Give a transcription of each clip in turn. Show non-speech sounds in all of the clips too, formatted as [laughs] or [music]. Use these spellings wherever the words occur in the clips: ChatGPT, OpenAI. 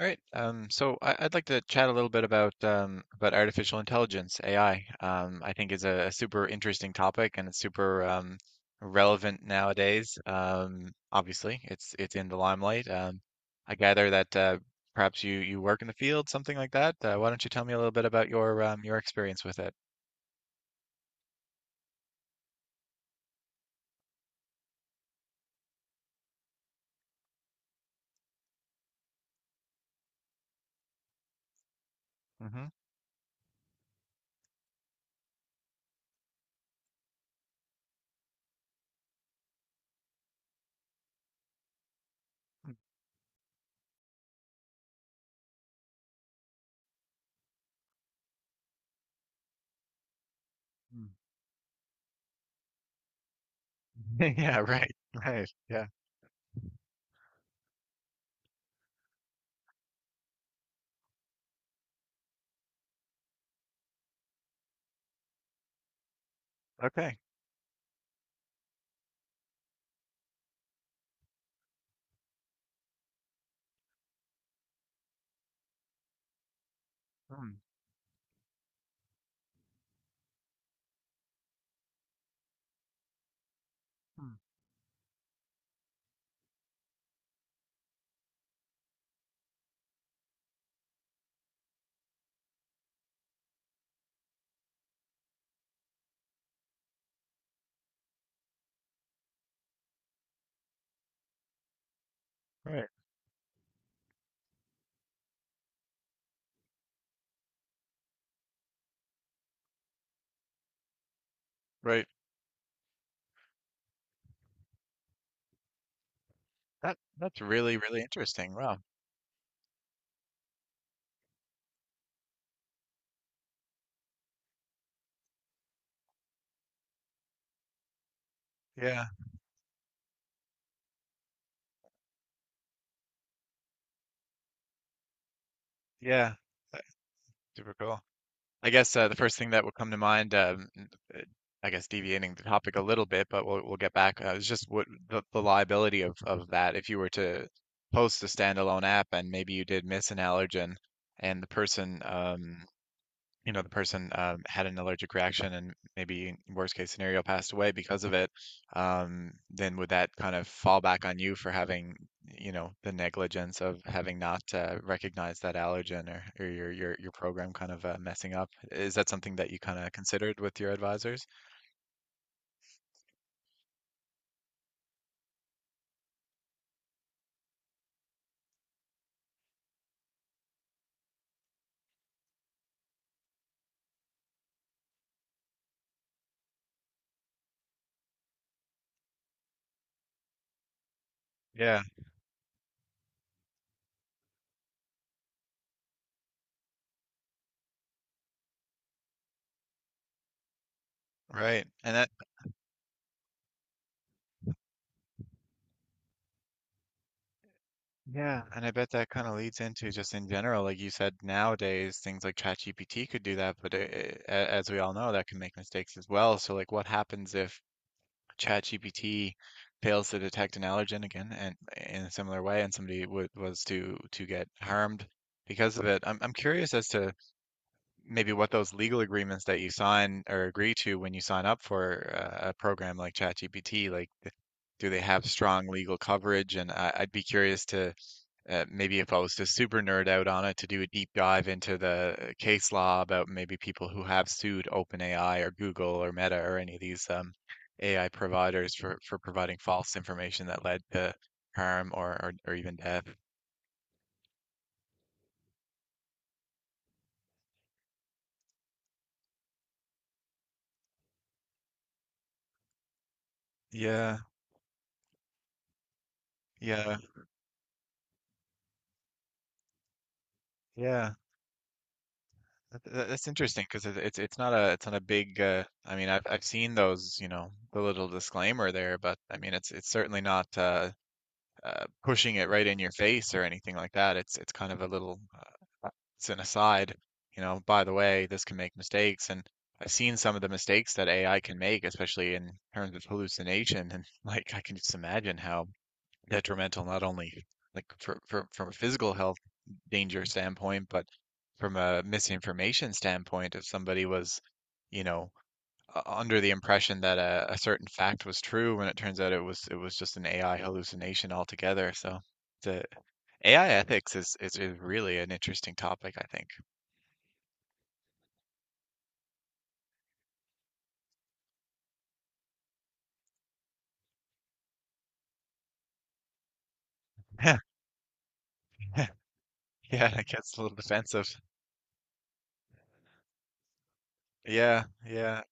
All right. So I'd like to chat a little bit about artificial intelligence, AI. I think is a super interesting topic and it's super relevant nowadays. Obviously, it's in the limelight. I gather that perhaps you work in the field, something like that. Why don't you tell me a little bit about your experience with it? Hmm. [laughs] Yeah. Right. Right. Yeah. Okay. Mm, mm, right. Right. That's really interesting. Wow. Yeah. Yeah. Super cool. I guess the first thing that will come to mind, uh, I guess deviating the topic a little bit, but we'll get back. Is just what the liability of that if you were to post a standalone app and maybe you did miss an allergen, and the person you know the person had an allergic reaction and maybe worst case scenario passed away because of it, then would that kind of fall back on you for having, you know, the negligence of having not recognized that allergen, or your program kind of messing up? Is that something that you kind of considered with your advisors? Yeah, right. And that, yeah. And I bet that kind of leads into, just in general, like you said, nowadays things like ChatGPT could do that, but as we all know that can make mistakes as well. So like what happens if ChatGPT fails to detect an allergen again, and in a similar way, and somebody w was to get harmed because of it? I'm curious as to maybe what those legal agreements that you sign or agree to when you sign up for a program like ChatGPT, like, do they have strong legal coverage? And I'd be curious to maybe, if I was to super nerd out on it, to do a deep dive into the case law about maybe people who have sued OpenAI or Google or Meta or any of these AI providers for providing false information that led to harm or even death. Yeah, yeah, yeah. That's interesting because it's not a big. I mean, I've seen those, you know, the little disclaimer there. But I mean, it's certainly not pushing it right in your face or anything like that. It's kind of a little, it's an aside, you know, by the way, this can make mistakes. And I've seen some of the mistakes that AI can make, especially in terms of hallucination. And [laughs] like, I can just imagine how detrimental, not only like from a physical health danger standpoint, but from a misinformation standpoint, if somebody was, you know, under the impression that a certain fact was true when it turns out it was just an AI hallucination altogether. So the AI ethics is, is really an interesting topic, I think. [laughs] [laughs] Yeah, and it gets a little defensive. Yeah, yeah,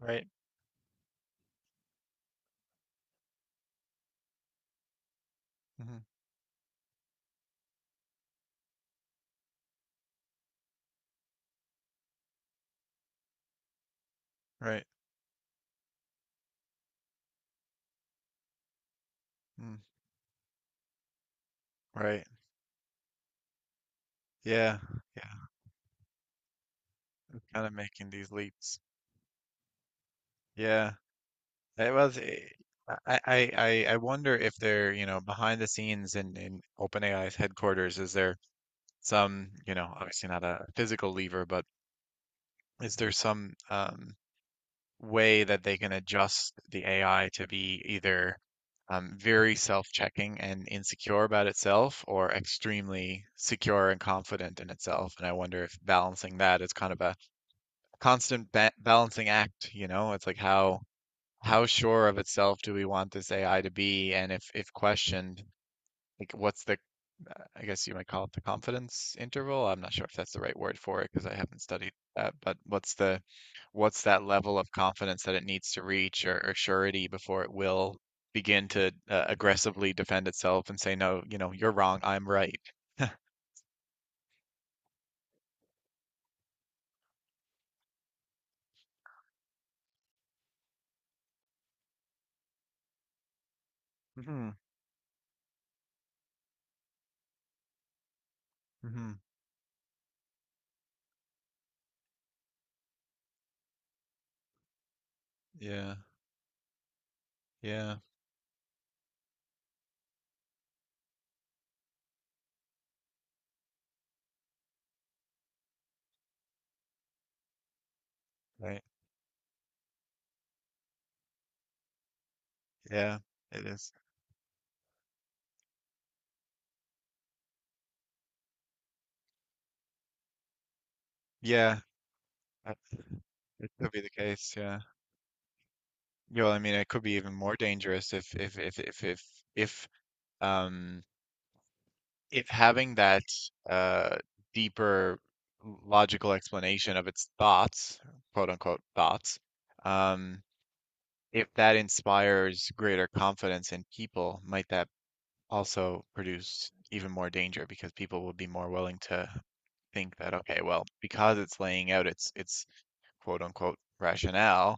right. Hmm. Right. Mm, right. Yeah, yeah. It's kind of making these leaps. Yeah. It was I, I I wonder if they're, you know, behind the scenes in OpenAI's headquarters, is there some, you know, obviously not a physical lever, but is there some way that they can adjust the AI to be either very self-checking and insecure about itself, or extremely secure and confident in itself. And I wonder if balancing that is kind of a constant ba balancing act, you know? It's like, how sure of itself do we want this AI to be? And if questioned, like what's the, I guess you might call it the confidence interval. I'm not sure if that's the right word for it because I haven't studied that, but what's the, what's that level of confidence that it needs to reach, or surety, before it will begin to aggressively defend itself and say, no, you know, you're wrong, I'm right. Hmm. Hmm. Yeah, yeah, right. Yeah, it is. Yeah, that- it could be the case, yeah. Yeah. Well, I mean, it could be even more dangerous if um if having that uh, deeper logical explanation of its thoughts, quote unquote thoughts, um, if that inspires greater confidence in people, might that also produce even more danger because people will be more willing to think that, okay, well, because it's laying out its quote unquote rationale,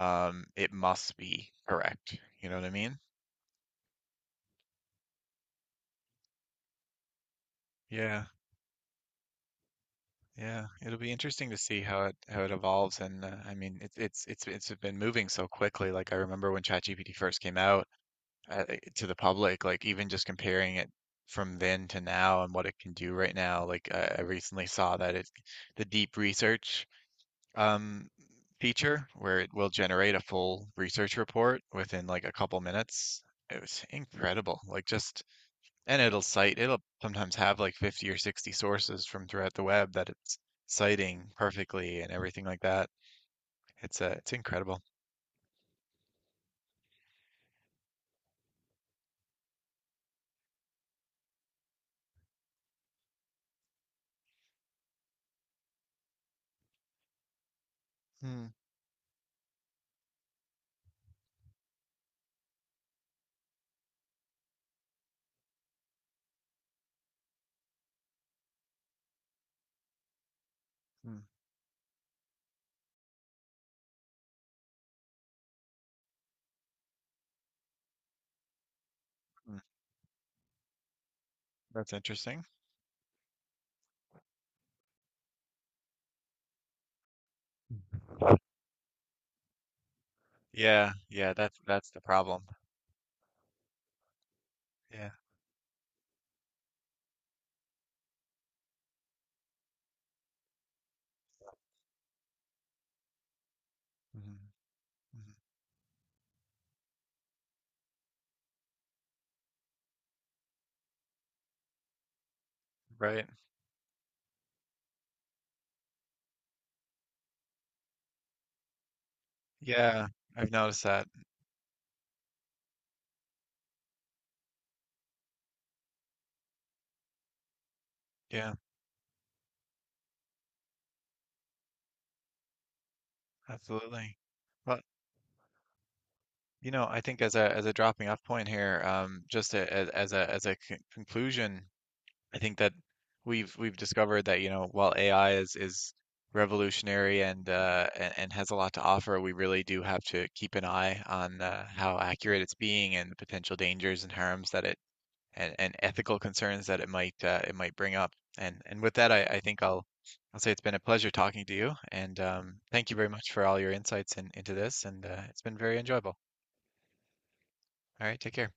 it must be correct. You know what I mean? Yeah. Yeah, it'll be interesting to see how it evolves. And I mean, it's been moving so quickly. Like, I remember when ChatGPT first came out to the public, like, even just comparing it from then to now and what it can do right now. Like, I recently saw that it the deep research um feature, where it will generate a full research report within like a couple minutes. It was incredible. Like, just, and it'll cite, it'll sometimes have like 50 or 60 sources from throughout the web that it's citing perfectly and everything like that. It's incredible. Hmm, hmm, hmm. That's interesting. Yeah, yeah, that's the problem. Yeah. Hmm. Hmm. Right. Yeah, I've noticed that. Yeah, absolutely. Well, you know, I think as a dropping off point here, just as a as a conclusion, I think that we've discovered that, you know, while AI is revolutionary, and has a lot to offer, we really do have to keep an eye on how accurate it's being, and the potential dangers and harms that it, and ethical concerns that it might, it might bring up. And with that, I think I'll say it's been a pleasure talking to you, and thank you very much for all your insights into this, and it's been very enjoyable. All right, take care.